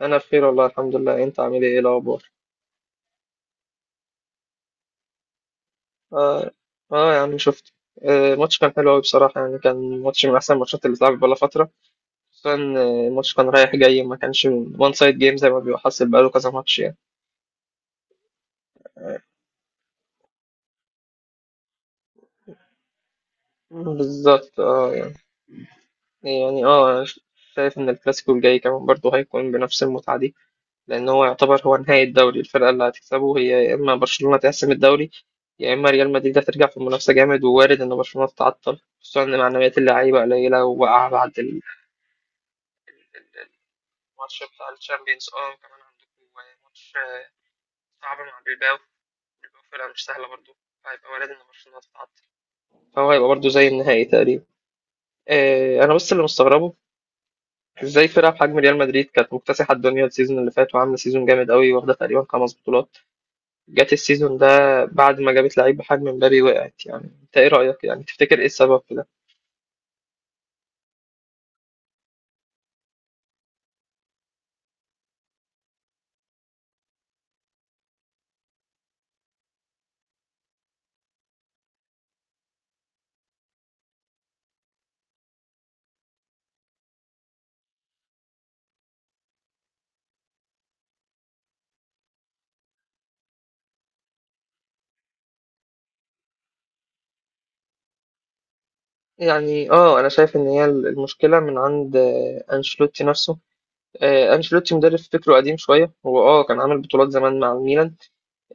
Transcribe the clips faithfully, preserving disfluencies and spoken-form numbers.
انا بخير والله الحمد لله. انت عامل ايه؟ إيه الاخبار؟ اه اه يا عم شفت. آه ماتش كان حلو قوي بصراحه يعني، كان ماتش من احسن الماتشات اللي اتلعبت بقالها فتره. خصوصا آه، الماتش كان رايح جاي، ما كانش وان سايد جيم زي ما بيبقى حاصل بقاله كذا ماتش يعني. بالظبط اه يعني. يعني اه أنا شايف ان الكلاسيكو الجاي كمان برضه هيكون بنفس المتعه دي، لان هو يعتبر هو نهايه الدوري. الفرقه اللي هتكسبه هي يا اما برشلونه تحسم الدوري، يا اما ريال مدريد هترجع في المنافسه جامد، ووارد ان برشلونه تتعطل خصوصا ان معنويات اللعيبه قليله، ووقع بعد ال- ال- الماتش بتاع الشامبيونز. اه كمان عندكم ماتش آه، صعب مع بيلباو. بيلباو فرقة مش سهلة برضه، فهيبقى وارد إن برشلونة تتعطل، فهو هيبقى برضه زي النهائي تقريبا. آه، أنا بس اللي مستغربه، إزاي فرقة بحجم ريال مدريد كانت مكتسحة الدنيا السيزون اللي فات وعاملة سيزون جامد قوي، واخدة تقريبا خمس بطولات، جت السيزون ده بعد ما جابت لعيب بحجم مبابي وقعت. يعني أنت إيه رأيك؟ يعني تفتكر إيه السبب في ده؟ يعني اه انا شايف ان هي المشكله من عند آه، انشيلوتي نفسه. آه، أنشيلوتي مدرب فكره قديم شوية. هو اه كان عامل بطولات زمان مع الميلان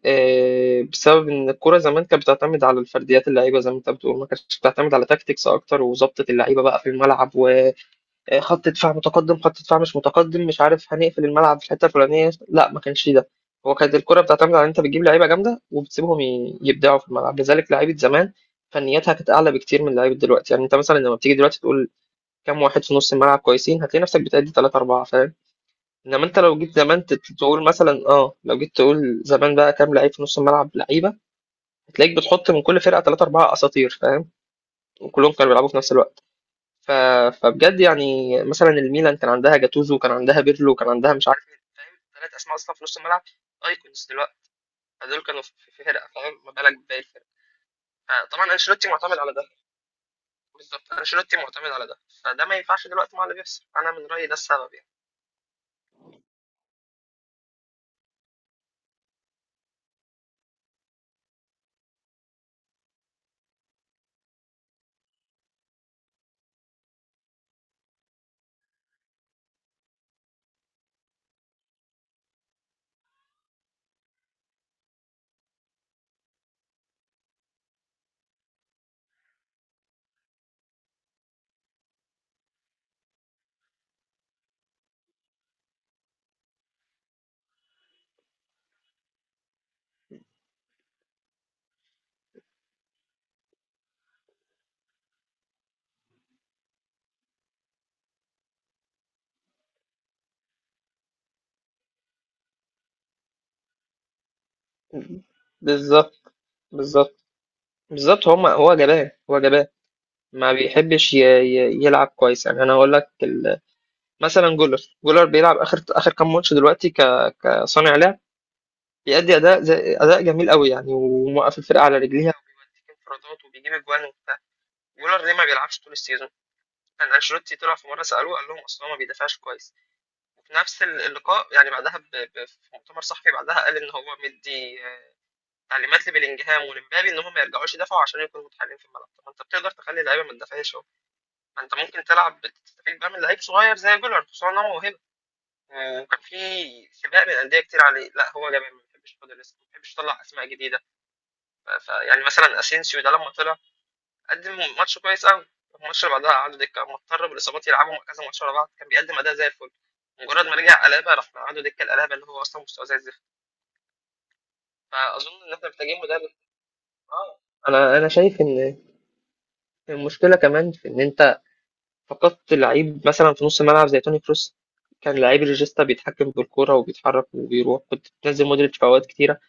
آه، بسبب إن الكرة زمان كانت بتعتمد على الفرديات، اللعيبة زي ما أنت بتقول ما كانتش بتعتمد على تاكتكس أكتر وظبطة اللعيبة بقى في الملعب، وخط دفاع متقدم خط دفاع مش متقدم مش عارف هنقفل الملعب في الحتة الفلانية، لا ما كانش ده. هو كانت الكرة بتعتمد على إن أنت بتجيب لعيبة جامدة وبتسيبهم ي- يبدعوا في الملعب، لذلك لعيبة زمان فنياتها كانت أعلى بكتير من لعيبة دلوقتي. يعني أنت مثلا لما بتيجي دلوقتي تقول كام واحد في نص الملعب كويسين، هتلاقي نفسك بتأدي تلاتة أربعة فاهم. انما انت لو جيت زمان تت- تقول مثلا اه، لو جيت تقول زمان بقى كام لعيب في نص الملعب لعيبه، هتلاقيك بتحط من كل فرقه ثلاثه اربعه اساطير فاهم، وكلهم كانوا بيلعبوا في نفس الوقت. ف... فبجد يعني مثلا الميلان كان عندها جاتوزو، كان عندها بيرلو، كان عندها مش عارف ايه فاهم، ثلاث اسماء اصلا في نص الملعب ايكونز دلوقتي. فدول كانوا في في فرقه فاهم، ما بالك بباقي الفرق. طبعا انشيلوتي معتمد على ده. بالظبط انشيلوتي معتمد على ده، فده ما ينفعش دلوقتي مع اللي بيحصل. انا من رايي ده السبب يعني. بالظبط بالظبط بالظبط. هما هو جبان هو جبان. ما بيحبش ي- ي- يلعب كويس يعني. انا هقول لك ال- مثلا جولر. جولر بيلعب اخر اخر كام ماتش دلوقتي ك- كصانع لعب، بيأدي اداء زي اداء جميل قوي يعني، وموقف الفرقه على رجليها وبيوديك انفرادات وبيجيب اجوان وبتاع. جولر ليه ما بيلعبش طول السيزون؟ كان انشيلوتي طلع في مره سالوه قال لهم اصلا ما بيدافعش كويس، وفي نفس ال- اللقاء يعني بعدها ب... ب... في مؤتمر صحفي بعدها قال ان هو مدي آه، تعليمات لبيلينجهام ولمبابي ان هم ما يرجعوش يدافعوا عشان يكونوا متحكمين في الملعب. طب انت بتقدر تخلي اللعيبه ما تدافعش؟ ما انت ممكن تلعب تستفيد بقى من لعيب صغير زي جولر، خصوصا ان هو موهبه. آه، وكان في سباق من الانديه كتير عليه. لا هو جبان ما بيحبش ياخد الريسك، ما بيحبش يطلع اسماء جديده. ف- فيعني مثلا اسينسيو ده لما طلع قدم ماتش كويس قوي. الماتش اللي بعدها قعدوا دكه، مضطر بالاصابات يلعبوا كذا ماتش ورا بعض كان بيقدم اداء زي الفل. مجرد ما رجع قلابه راح قعدوا دكه، القلابه اللي هو اصلا مستواه زي الزفت. فاظن ان احنا محتاجين مدرب. اه انا انا شايف ان المشكله كمان في ان انت فقدت لعيب مثلا في نص الملعب زي توني كروس. كان لعيب ريجيستا بيتحكم بالكوره وبيتحرك وبيروح، كنت بتنزل مودريتش في اوقات كتيره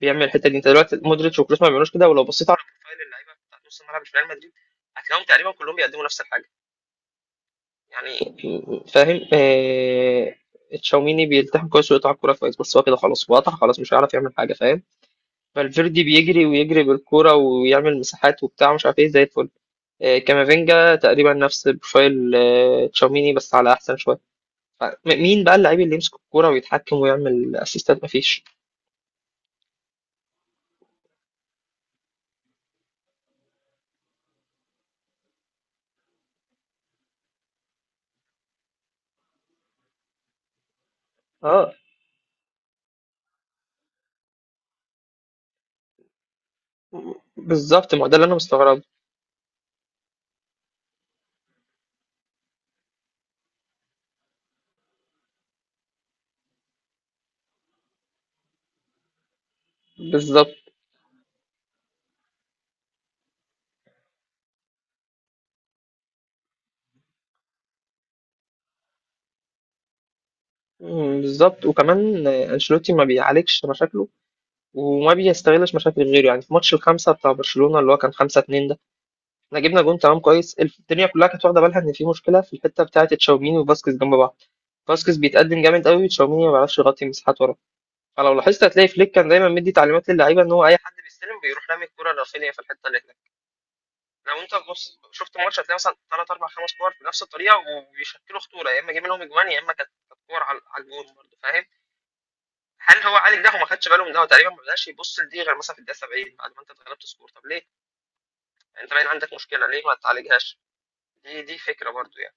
بيعمل الحته دي. انت دلوقتي مودريتش وكروس ما بيعملوش كده، ولو بصيت على بروفايل اللعيبه بتاع نص الملعب في ريال مدريد هتلاقيهم تقريبا كلهم بيقدموا نفس الحاجه يعني فاهم. آه... تشاوميني بيلتحم كويس ويقطع الكوره كويس، بس هو كده خلاص هو قطع خلاص مش هيعرف يعمل حاجه فاهم. فالفيردي بيجري ويجري بالكوره ويعمل مساحات وبتاع مش عارف ايه زي الفل. آه، كامافينجا تقريبا نفس بروفايل آه، تشاوميني بس على احسن شويه. م- مين بقى اللعيب اللي يمسك الكوره ويتحكم ويعمل اسيستات؟ مفيش. اه بالظبط. ما هو ده اللي انا مستغرب. بالظبط. مم، بالظبط وكمان آه، انشيلوتي ما بيعالجش مشاكله وما بيستغلش مشاكل غيره. يعني في ماتش الخمسه بتاع برشلونه اللي هو كان خمسة اتنين ده، احنا جبنا جون تمام كويس، الدنيا كلها كانت واخده بالها ان في مشكله في الحته بتاعه تشاوميني وفاسكيز جنب بعض، فاسكيز بيتقدم جامد قوي، تشاوميني ما بيعرفش يغطي مساحات وراه. فلو لاحظت هتلاقي فليك كان دايما مدي تعليمات للعيبه ان هو اي حد بيستلم بيروح رامي الكوره لرافينيا في الحته اللي لو انت بص شفت ماتش هتلاقي مثلا ثلاث اربع خمس كور بنفس الطريقه وبيشكلوا خطوره، يا اما جايبين لهم اجوان يا اما كانت كانت كور على على الجون برضه فاهم. هل هو عالج ده وما خدش باله من ده؟ هو تقريبا ما بداش يبص لدي غير مثلا في الدقيقه سبعين بعد ما انت اتغلبت سكور، طب ليه يعني؟ انت باين عندك مشكله، ليه ما تعالجهاش؟ دي دي فكره برضه يعني.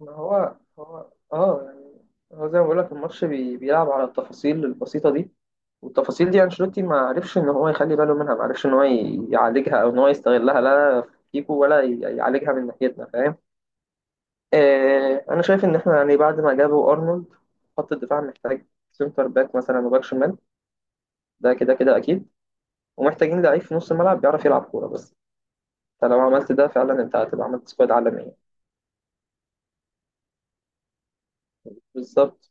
ما هو هو اه يعني هو زي ما بقول لك الماتش بي... بيلعب على التفاصيل البسيطة دي. والتفاصيل دي انشيلوتي ما عرفش ان هو يخلي باله منها، ما عرفش ان هو ي- يعالجها او ان هو يستغلها. لا فيكو ولا ي- يعالجها من ناحيتنا فاهم. آه، انا شايف ان احنا يعني بعد ما جابوا ارنولد، خط الدفاع محتاج سنتر باك مثلا وباك شمال، ده كده كده اكيد. ومحتاجين لعيب في نص الملعب بيعرف يلعب كوره بس، فلو عملت ده فعلا انت هتبقى عملت سكواد عالميه. بالظبط.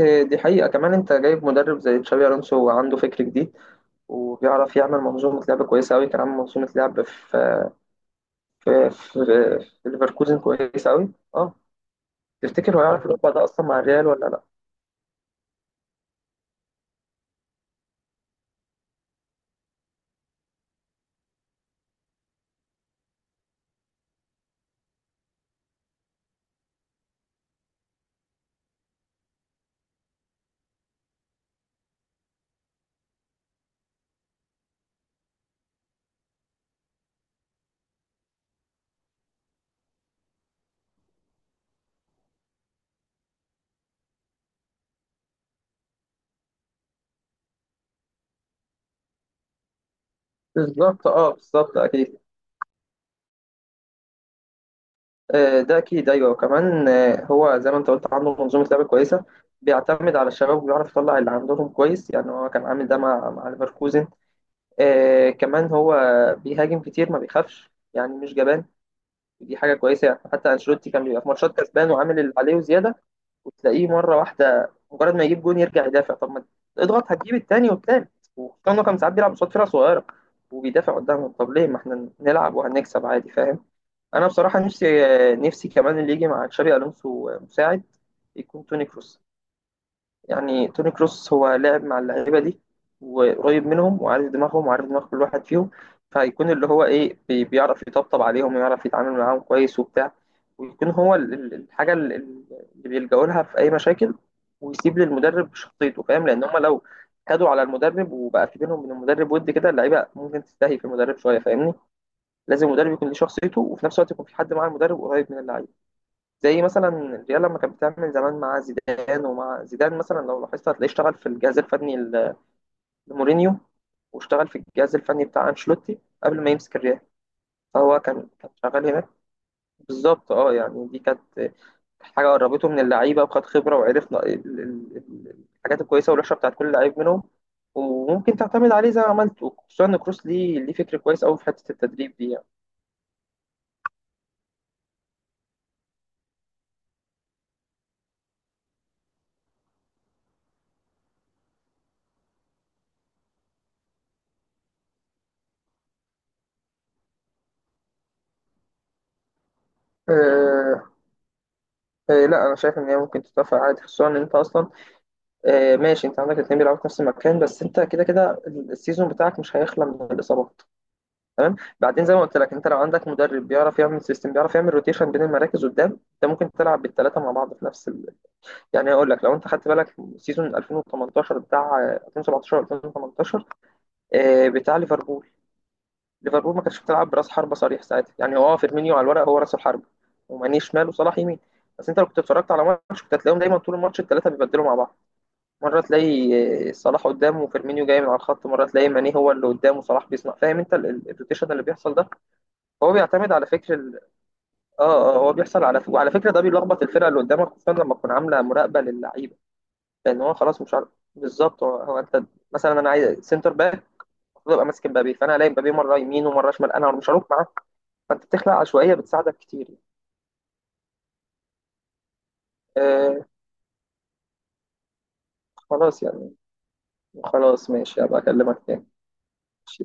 آه، دي حقيقه. كمان انت جايب مدرب زي تشابي الونسو وعنده فكر جديد، وبيعرف يعمل منظومه لعب كويسه قوي. كان عامل منظومه لعب في في في, في ليفركوزن كويسه قوي اه. تفتكر هو يعرف يطبق ده اصلا مع الريال ولا لا؟ بالظبط اه بالظبط اكيد. آه، ده اكيد ايوه. وكمان آه، هو زي ما انت قلت عنده منظومه لعب كويسه، بيعتمد على الشباب وبيعرف يطلع اللي عندهم كويس يعني. هو كان عامل ده مع مع ليفركوزن. آه، كمان هو بيهاجم كتير ما بيخافش يعني مش جبان، دي حاجه كويسه يعني. حتى انشيلوتي كان بيبقى في ماتشات كسبان وعامل اللي عليه وزياده، وتلاقيه مرة واحدة مجرد ما يجيب جون يرجع يدافع، طب ما اضغط هتجيب التاني والتالت. وكان إنه كان ساعات بيلعب قصاد فرقة صغيرة وبيدافع قدامهم، طب ليه؟ ما احنا نلعب وهنكسب عادي فاهم. أنا بصراحة نفسي، نفسي كمان اللي يجي مع تشابي ألونسو مساعد يكون توني كروس. يعني توني كروس هو لعب مع اللعيبه دي، وقريب منهم وعارف دماغهم وعارف دماغ كل واحد فيهم. فهيكون اللي هو ايه بي- بيعرف يطبطب عليهم ويعرف يتعامل معاهم كويس وبتاع، ويكون هو ال- ال- الحاجه ال- ال- اللي بيلجأوا لها في اي مشاكل. ويسيب للمدرب شخصيته فاهم، لان هم لو خدوا على المدرب وبقى في بينهم من المدرب ود كده، اللعيبه ممكن تستهي في المدرب شويه فاهمني. لازم المدرب يكون ليه شخصيته، وفي نفس الوقت يكون في حد مع المدرب قريب من اللعيبه، زي مثلا الريال لما كانت بتعمل زمان مع زيدان. ومع زيدان مثلا لو لاحظت هتلاقيه اشتغل في الجهاز الفني ل- لمورينيو، واشتغل في الجهاز الفني بتاع انشيلوتي قبل ما يمسك الريال. فهو كان كان شغال هناك. بالظبط اه يعني دي كانت حاجه قربته من اللعيبه وخد خبره وعرف ن- ال- ال- ال- الحاجات الكويسه والوحشه بتاعت كل لعيب منهم. وممكن تعتمد عليه زي ما عملت، وخصوصا ان كروس ليه ليه فكر كويس قوي في حته التدريب دي يعني. أه أه، لا انا شايف ان هي ممكن تتوافق عادي خصوصا ان انت اصلا آه، ماشي. انت عندك الاثنين بيلعبوا في نفس المكان، بس انت كده كده السيزون بتاعك مش هيخلى من الاصابات تمام. بعدين زي ما قلت لك، انت لو عندك مدرب بيعرف يعمل سيستم بيعرف يعمل روتيشن بين المراكز قدام، انت ممكن تلعب بالثلاثه مع بعض في نفس ال... يعني. اقول لك لو انت خدت بالك سيزون ألفين وتمنتاشر بتاع آه، ألفين وسبعتاشر ألفين وتمنتاشر آه، بتاع ليفربول. ليفربول ما كانتش بتلعب براس حربه صريح ساعتها يعني، هو فيرمينيو على الورق هو راس الحربه، وماني شمال وصلاح يمين. بس انت لو كنت اتفرجت على ماتش كنت هتلاقيهم دايما طول الماتش الثلاثه بيبدلوا مع بعض، مرة تلاقي صلاح قدامه وفيرمينيو جاي من على الخط، مرة تلاقي ماني هو اللي قدامه صلاح بيصنع فاهم. انت ال- ال- الروتيشن اللي بيحصل ده هو بيعتمد على فكر ال... اه اه، هو بيحصل على ف... وعلى فكرة ده بيلخبط الفرقة اللي قدامك، خصوصا لما تكون عاملة مراقبة للعيبة، لان هو خلاص مش عارف. بالظبط. هو, هو انت مثلا انا عايز سنتر باك، المفروض ابقى ماسك مبابي، فانا الاقي مبابي مرة يمين ومرة شمال انا مش هروح معاه، فانت بتخلق عشوائية بتساعدك كتير. آه، خلاص يعني. خلاص ماشي هبقى اكلمك تاني. ماشي.